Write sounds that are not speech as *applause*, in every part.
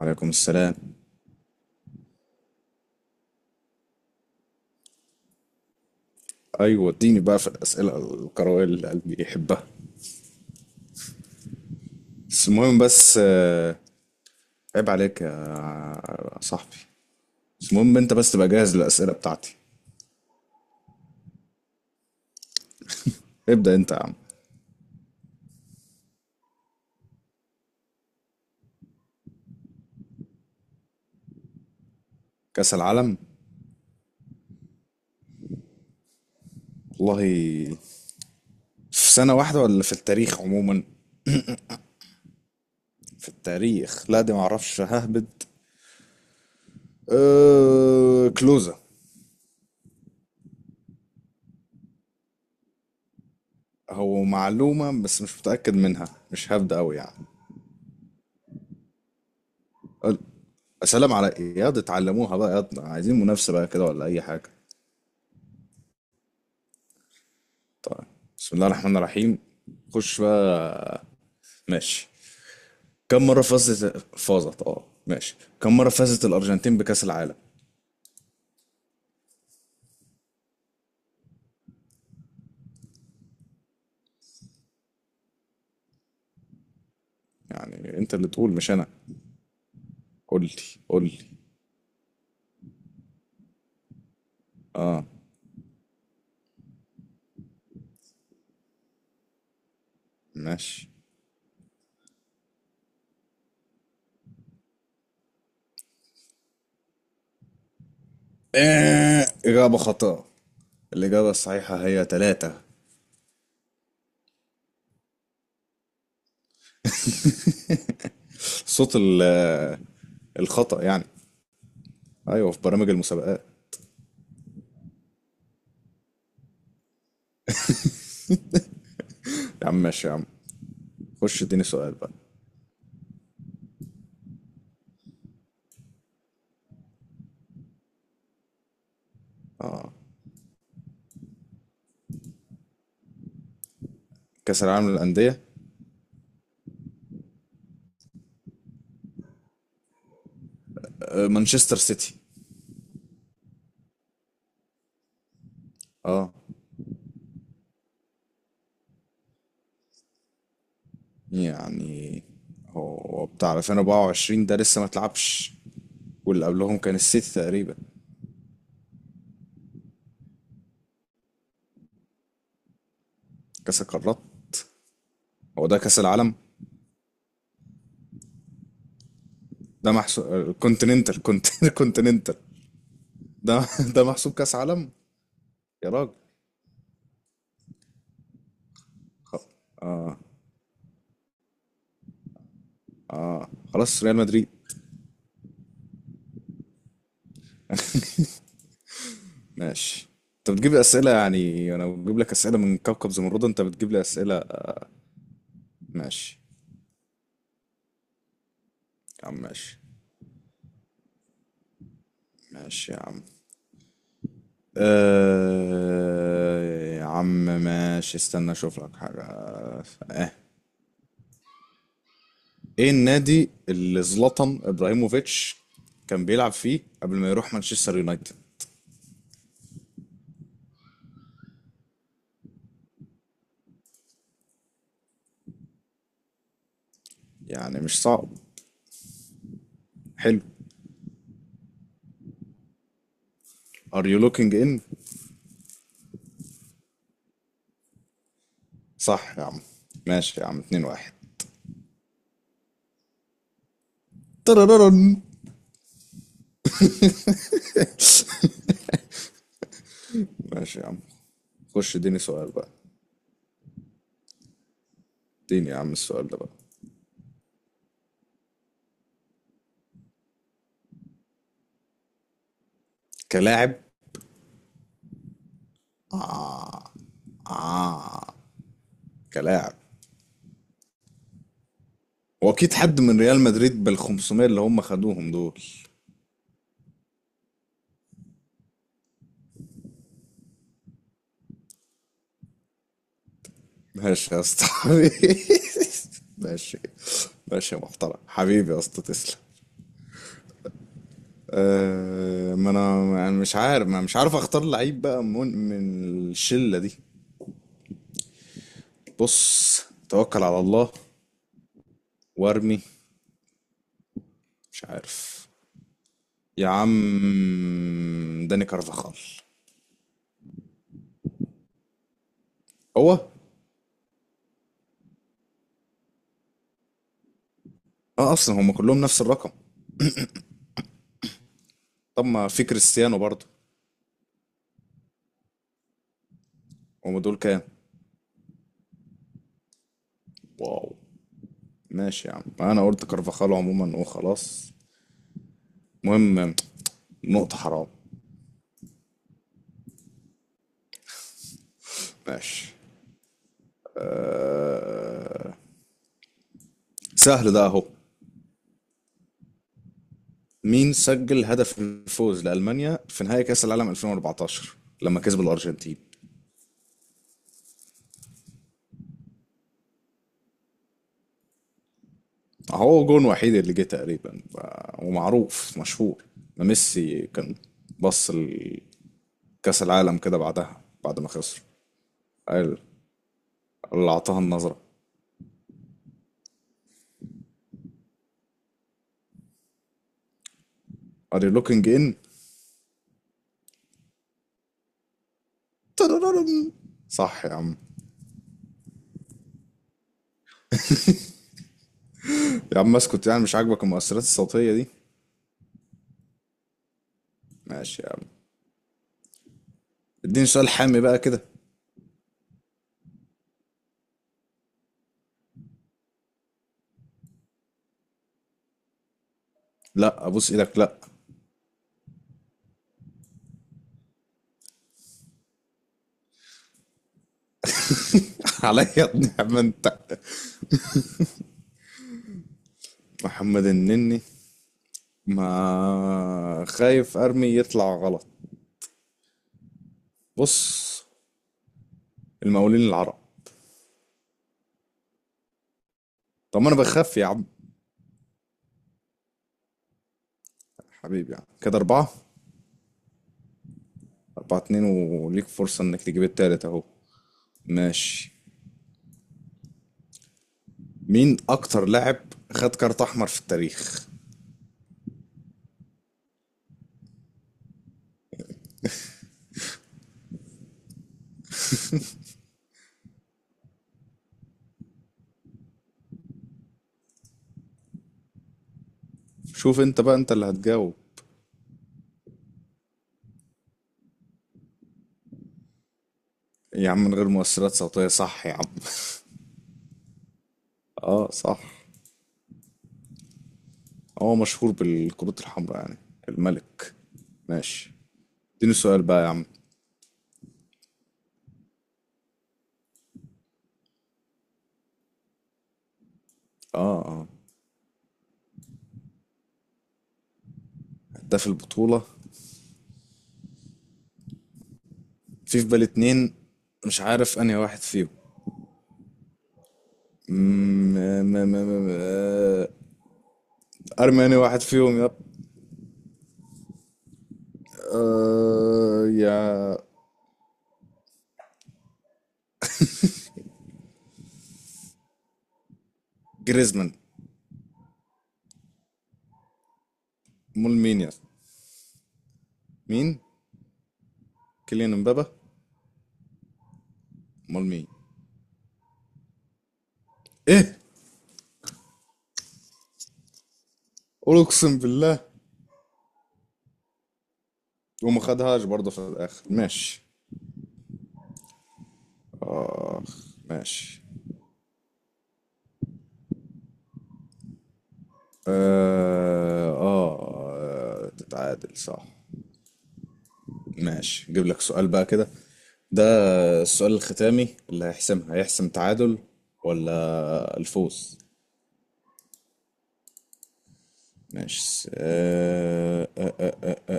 وعليكم السلام. ايوه اديني بقى في الاسئله القراءه اللي قلبي يحبها. بس المهم بس آه، عيب عليك يا صاحبي. بس المهم انت بس تبقى جاهز للاسئله بتاعتي. ابدا انت يا عم. كاس العالم، والله. في سنه واحده ولا في التاريخ عموما؟ في التاريخ لا، دي معرفش ههبد. أه كلوزة. هو معلومة بس مش متأكد منها، مش هبدأ أوي يعني. قل- سلام على إيه ياض، اتعلموها بقى ياض، عايزين منافسة بقى كده ولا أي حاجة؟ طيب، بسم الله الرحمن الرحيم. خش بقى. ماشي. كم مرة فازت اه ماشي، كم مرة فازت الأرجنتين بكأس العالم؟ يعني انت اللي تقول مش انا. قول لي، قول لي. اه، ماشي. آه. إجابة خطأ. الإجابة الصحيحة هي ثلاثة. صوت ال- الخطأ يعني. أيوة، في برامج المسابقات. يا عم ماشي يا عم. خش اديني سؤال بقى. كأس العالم للأندية؟ مانشستر سيتي. اه. يعني هو بتاع 2024 ده لسه ما اتلعبش، واللي قبلهم كان السيتي تقريبا. كأس القارات؟ هو ده كأس العالم. ده محسوب الكونتيننتال *laughs* الكونتيننتال ده ده محسوب كأس عالم يا راجل. خلاص، ريال مدريد. ماشي. انت بتجيب لي اسئله، يعني انا بجيب لك اسئله من كوكب زمرد، انت بتجيب لي اسئله. ماشي يا عم. ماشي. ماشي يا عم. أه يا عم ماشي، استنى اشوف لك حاجه. اه. ايه النادي اللي زلاتان ابراهيموفيتش كان بيلعب فيه قبل ما يروح مانشستر يونايتد؟ يعني مش صعب. حلو. ار يو لوكينج ان. صح يا عم. ماشي يا عم، 2 1. ترررن. ماشي يا عم. خش اديني سؤال بقى. اديني يا عم السؤال ده بقى. كلاعب. آه آه كلاعب. واكيد حد من ريال مدريد بال 500 اللي هم خدوهم دول. ماشي يا اسطى، *laughs* حبيبي. ماشي. ماشي يا محترم، حبيبي يا اسطى، تسلم. أه، ما انا ما أنا مش عارف ما مش عارف اختار لعيب بقى من الشلة دي. بص، توكل على الله وارمي. مش عارف. يا عم داني كارفاخال. هو اه اصلا هم كلهم نفس الرقم. طب ما في كريستيانو برضو؟ هم دول كام؟ واو. ماشي يا عم، انا قلت كارفاخال عموما وخلاص. المهم، نقطة حرام. ماشي. أه، سهل ده اهو. مين سجل هدف الفوز لألمانيا في نهائي كأس العالم 2014 لما كسب الأرجنتين؟ هو جون وحيد اللي جه تقريبا، ومعروف مشهور. ميسي كان، بص لكأس العالم كده بعدها بعد ما خسر، قال، اللي أعطاها النظرة. Are you looking in؟ ترررم. صح يا عم. يا عم اسكت، يعني مش عاجبك المؤثرات الصوتية دي؟ ماشي يا عم. اديني سؤال حامي بقى كده. لا ابوس ايدك لا. *laughs* عليا يا ابني يا عم انت. محمد النني؟ ما خايف ارمي يطلع غلط. بص، المقاولين العرب. طب ما انا بخاف يا عم. حبيبي، يعني كده اربعة. اربعة اتنين، وليك فرصة انك تجيب التالت اهو. ماشي. مين اكتر لاعب خد كارت احمر في التاريخ؟ شوف انت بقى، انت اللي هتجاوب. يا عم من غير مؤثرات صوتية، صح يا عم؟ *laughs* اه، صح. هو مشهور بالكروت الحمراء يعني، الملك. ماشي. اديني سؤال بقى يا عم. اه، اه. هداف البطولة؟ في بالي اتنين، مش عارف انهي واحد فيهم. م- م- م- م- آه، ارمي انهي واحد فيهم، يا يا جريزمان. مول مين يا اسطى؟ مين، كيليان امبابا؟ مول مين؟ ايه؟ قول، اقسم بالله. وما خدهاش برضه في الاخر، ماشي. اخ، ماشي. اه، اه، تتعادل صح. ماشي، جيب لك سؤال بقى كده، ده السؤال الختامي اللي هيحسمها، هيحسم تعادل ولا الفوز. ماشي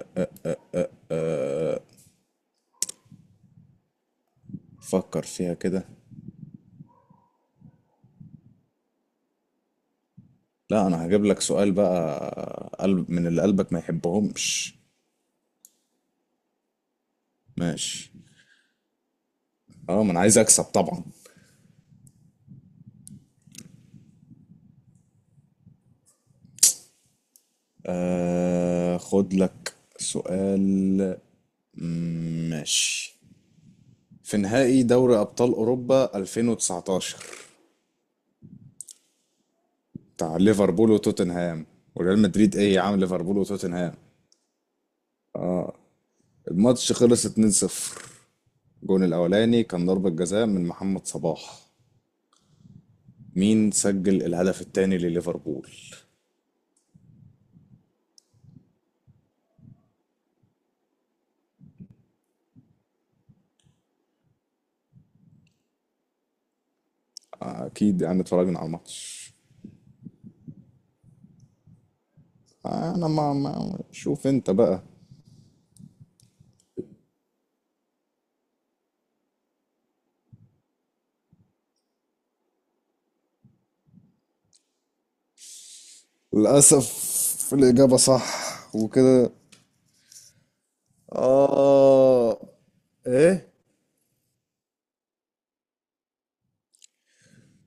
فكر فيها كده. لا انا هجيب لك سؤال بقى، قلب من اللي قلبك ما يحبهمش. ماشي. اه، ما انا عايز اكسب طبعا. خد لك سؤال. ماشي. في نهائي دوري ابطال اوروبا 2019 بتاع ليفربول وتوتنهام. وريال مدريد ايه يا عم، ليفربول وتوتنهام. الماتش خلص 2-0، الجون الاولاني كان ضربة جزاء من محمد صلاح، مين سجل الهدف الثاني لليفربول؟ اكيد يعني اتفرجنا على الماتش. انا ما شوف انت بقى. للاسف الاجابة صح. وكده. اه. ايه؟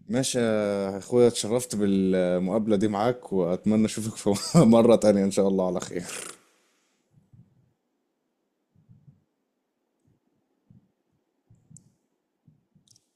ماشي يا اخويا، اتشرفت بالمقابلة دي معاك واتمنى اشوفك في *laughs* مرة تانية ان شاء الله على خير.